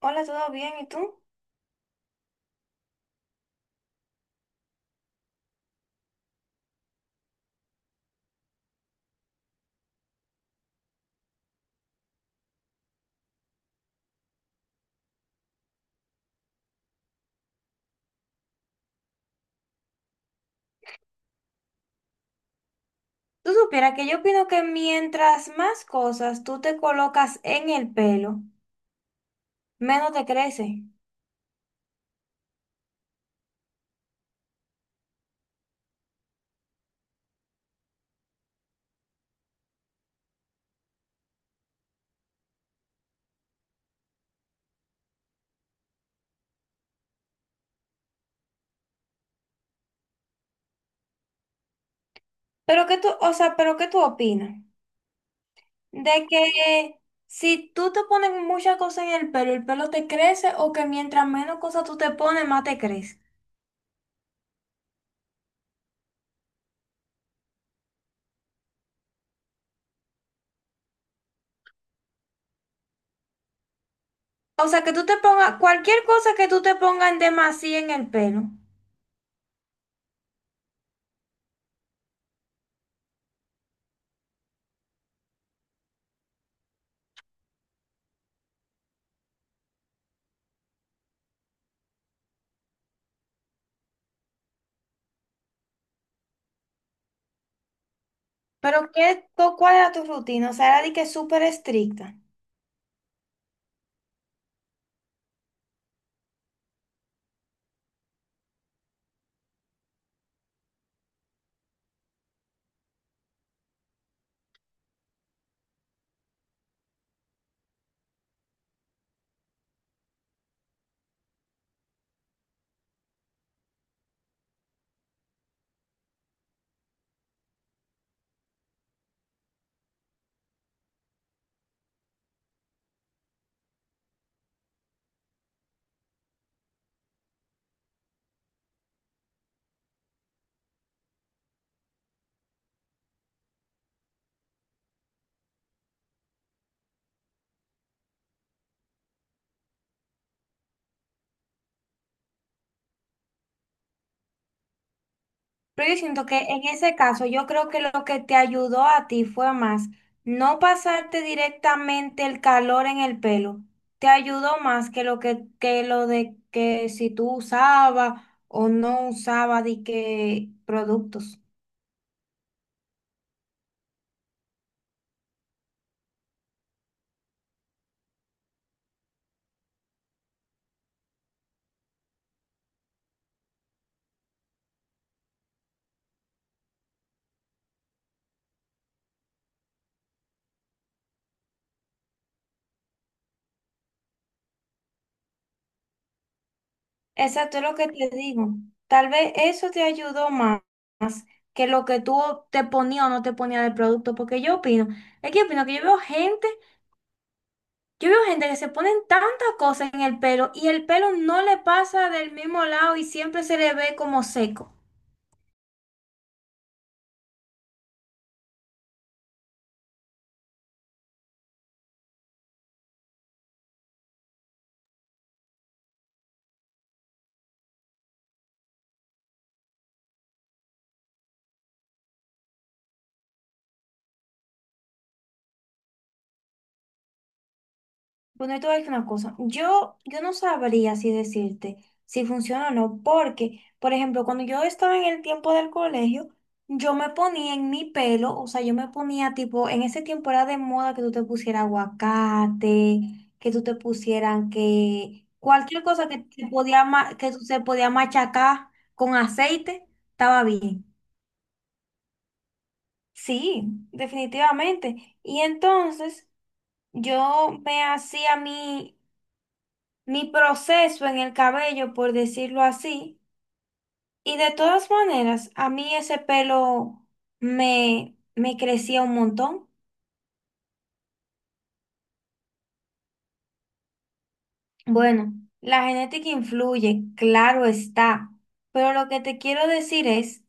Hola, ¿todo bien? ¿Y tú? Tú supieras que yo opino que mientras más cosas tú te colocas en el pelo, menos te crece. O sea, pero ¿qué tú opinas? De que si tú te pones muchas cosas en el pelo te crece o que mientras menos cosas tú te pones, más te crece. O sea, que tú te pongas cualquier cosa que tú te pongas en demasía en el pelo. Pero ¿qué, cuál era tu rutina? O sea, era de que súper estricta. Pero yo siento que en ese caso, yo creo que lo que te ayudó a ti fue más no pasarte directamente el calor en el pelo. Te ayudó más que lo de que si tú usabas o no usabas de qué productos. Exacto, es lo que te digo. Tal vez eso te ayudó más que lo que tú te ponías o no te ponías de producto. Porque yo opino, es que opino que yo veo gente. Yo veo gente que se ponen tantas cosas en el pelo y el pelo no le pasa del mismo lado y siempre se le ve como seco. Bueno, yo te voy a decir una cosa. Yo no sabría si decirte si funciona o no, porque, por ejemplo, cuando yo estaba en el tiempo del colegio, yo me ponía en mi pelo, o sea, yo me ponía tipo, en ese tiempo era de moda que tú te pusieras aguacate, que tú te pusieran que cualquier cosa que, te podía, que tú se podía machacar con aceite, estaba bien. Sí, definitivamente. Y entonces yo me hacía mi proceso en el cabello, por decirlo así. Y de todas maneras, a mí ese pelo me crecía un montón. Bueno, la genética influye, claro está, pero lo que te quiero decir es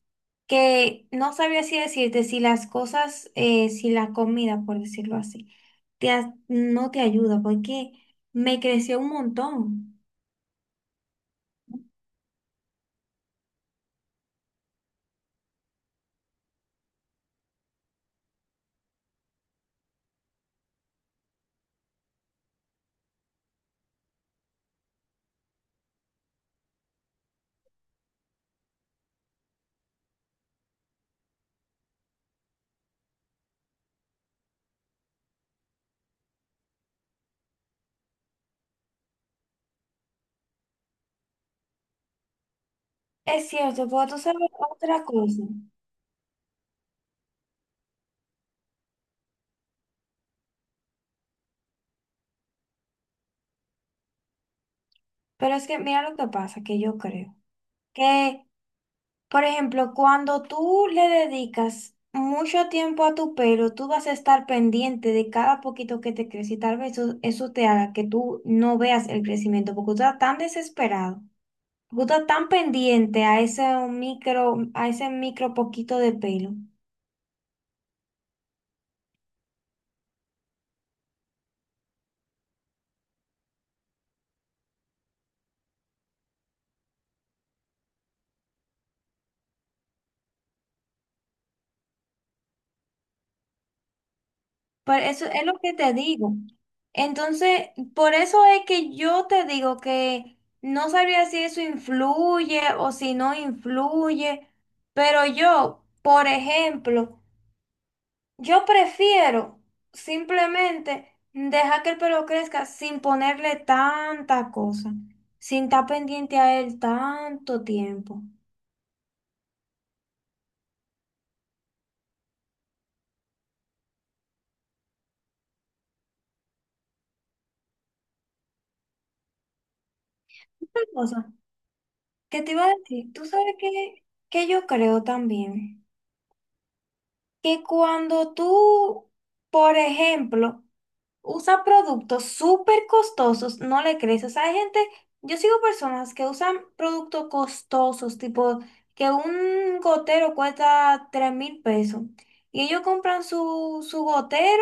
que no sabía si decirte si las cosas, si la comida, por decirlo así, no te ayuda, porque me creció un montón. Es cierto, pero tú sabes otra cosa, pero es que mira lo que pasa, que yo creo, que por ejemplo, cuando tú le dedicas mucho tiempo a tu pelo, tú vas a estar pendiente de cada poquito que te crece y tal vez eso te haga que tú no veas el crecimiento porque tú estás tan desesperado, porque tú estás tan pendiente a ese micro poquito de pelo. Pero eso es lo que te digo. Entonces, por eso es que yo te digo que no sabría si eso influye o si no influye, pero yo, por ejemplo, yo prefiero simplemente dejar que el pelo crezca sin ponerle tanta cosa, sin estar pendiente a él tanto tiempo. Otra cosa que te iba a decir, tú sabes que yo creo también, que cuando tú, por ejemplo, usa productos súper costosos, no le crees. O sea, hay gente, yo sigo personas que usan productos costosos, tipo que un gotero cuesta 3,000 pesos y ellos compran su gotero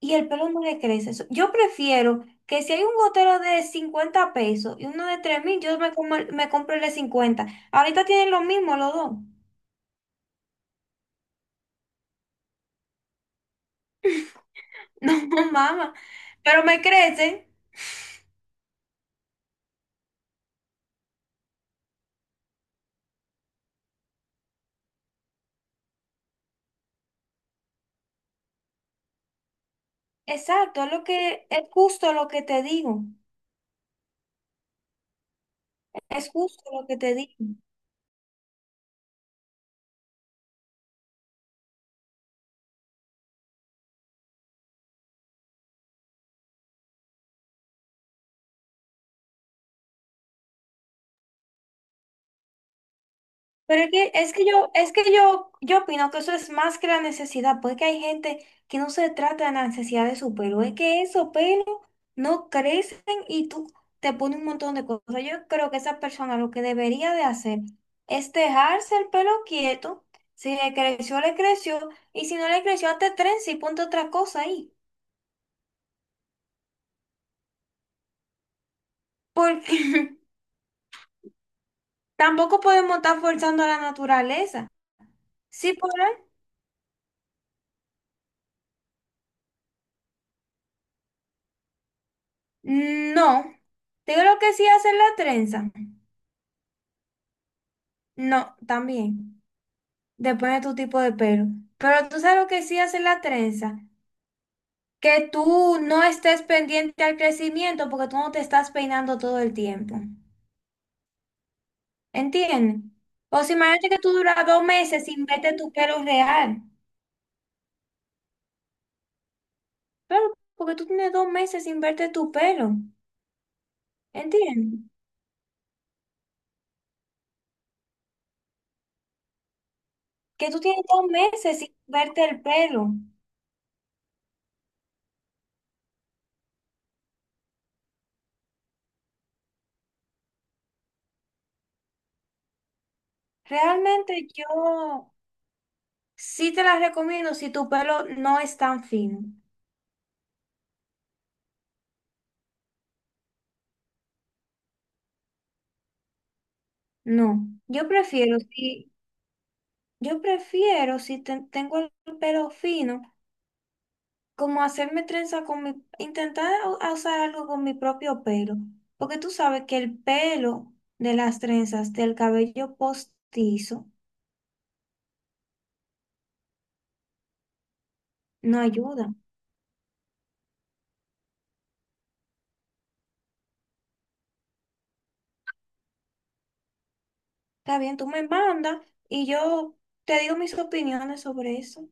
y el pelo no le crece. So, yo prefiero que si hay un gotero de 50 pesos y uno de 3,000, yo me, como el- me compro el de 50. Ahorita tienen lo mismo los dos. No, mamá, pero me crecen. Exacto, es justo lo que te digo. Es justo lo que te digo. Pero es que yo opino que eso es más que la necesidad, porque hay gente que no se trata de la necesidad de su pelo, es que esos pelos no crecen y tú te pones un montón de cosas. Yo creo que esa persona lo que debería de hacer es dejarse el pelo quieto. Si le creció, le creció, y si no le creció, hazte trenza y ponte otra cosa ahí. Porque tampoco podemos estar forzando a la naturaleza. Sí, por No, te digo lo que sí hacer la trenza. No, también. Depende de tu tipo de pelo. Pero tú sabes lo que sí hacer la trenza. Que tú no estés pendiente al crecimiento porque tú no te estás peinando todo el tiempo. ¿Entiendes? O si imagínate que tú duras 2 meses sin verte tu pelo real. Pero porque tú tienes 2 meses sin verte tu pelo. ¿Entiendes? Que tú tienes 2 meses sin verte el pelo. Realmente yo Sí te las recomiendo si tu pelo no es tan fino. No, yo prefiero si tengo el pelo fino, como hacerme trenza con mi intentar a usar algo con mi propio pelo, porque tú sabes que el pelo de las trenzas del cabello postizo no ayuda. Está bien, tú me mandas y yo te digo mis opiniones sobre eso.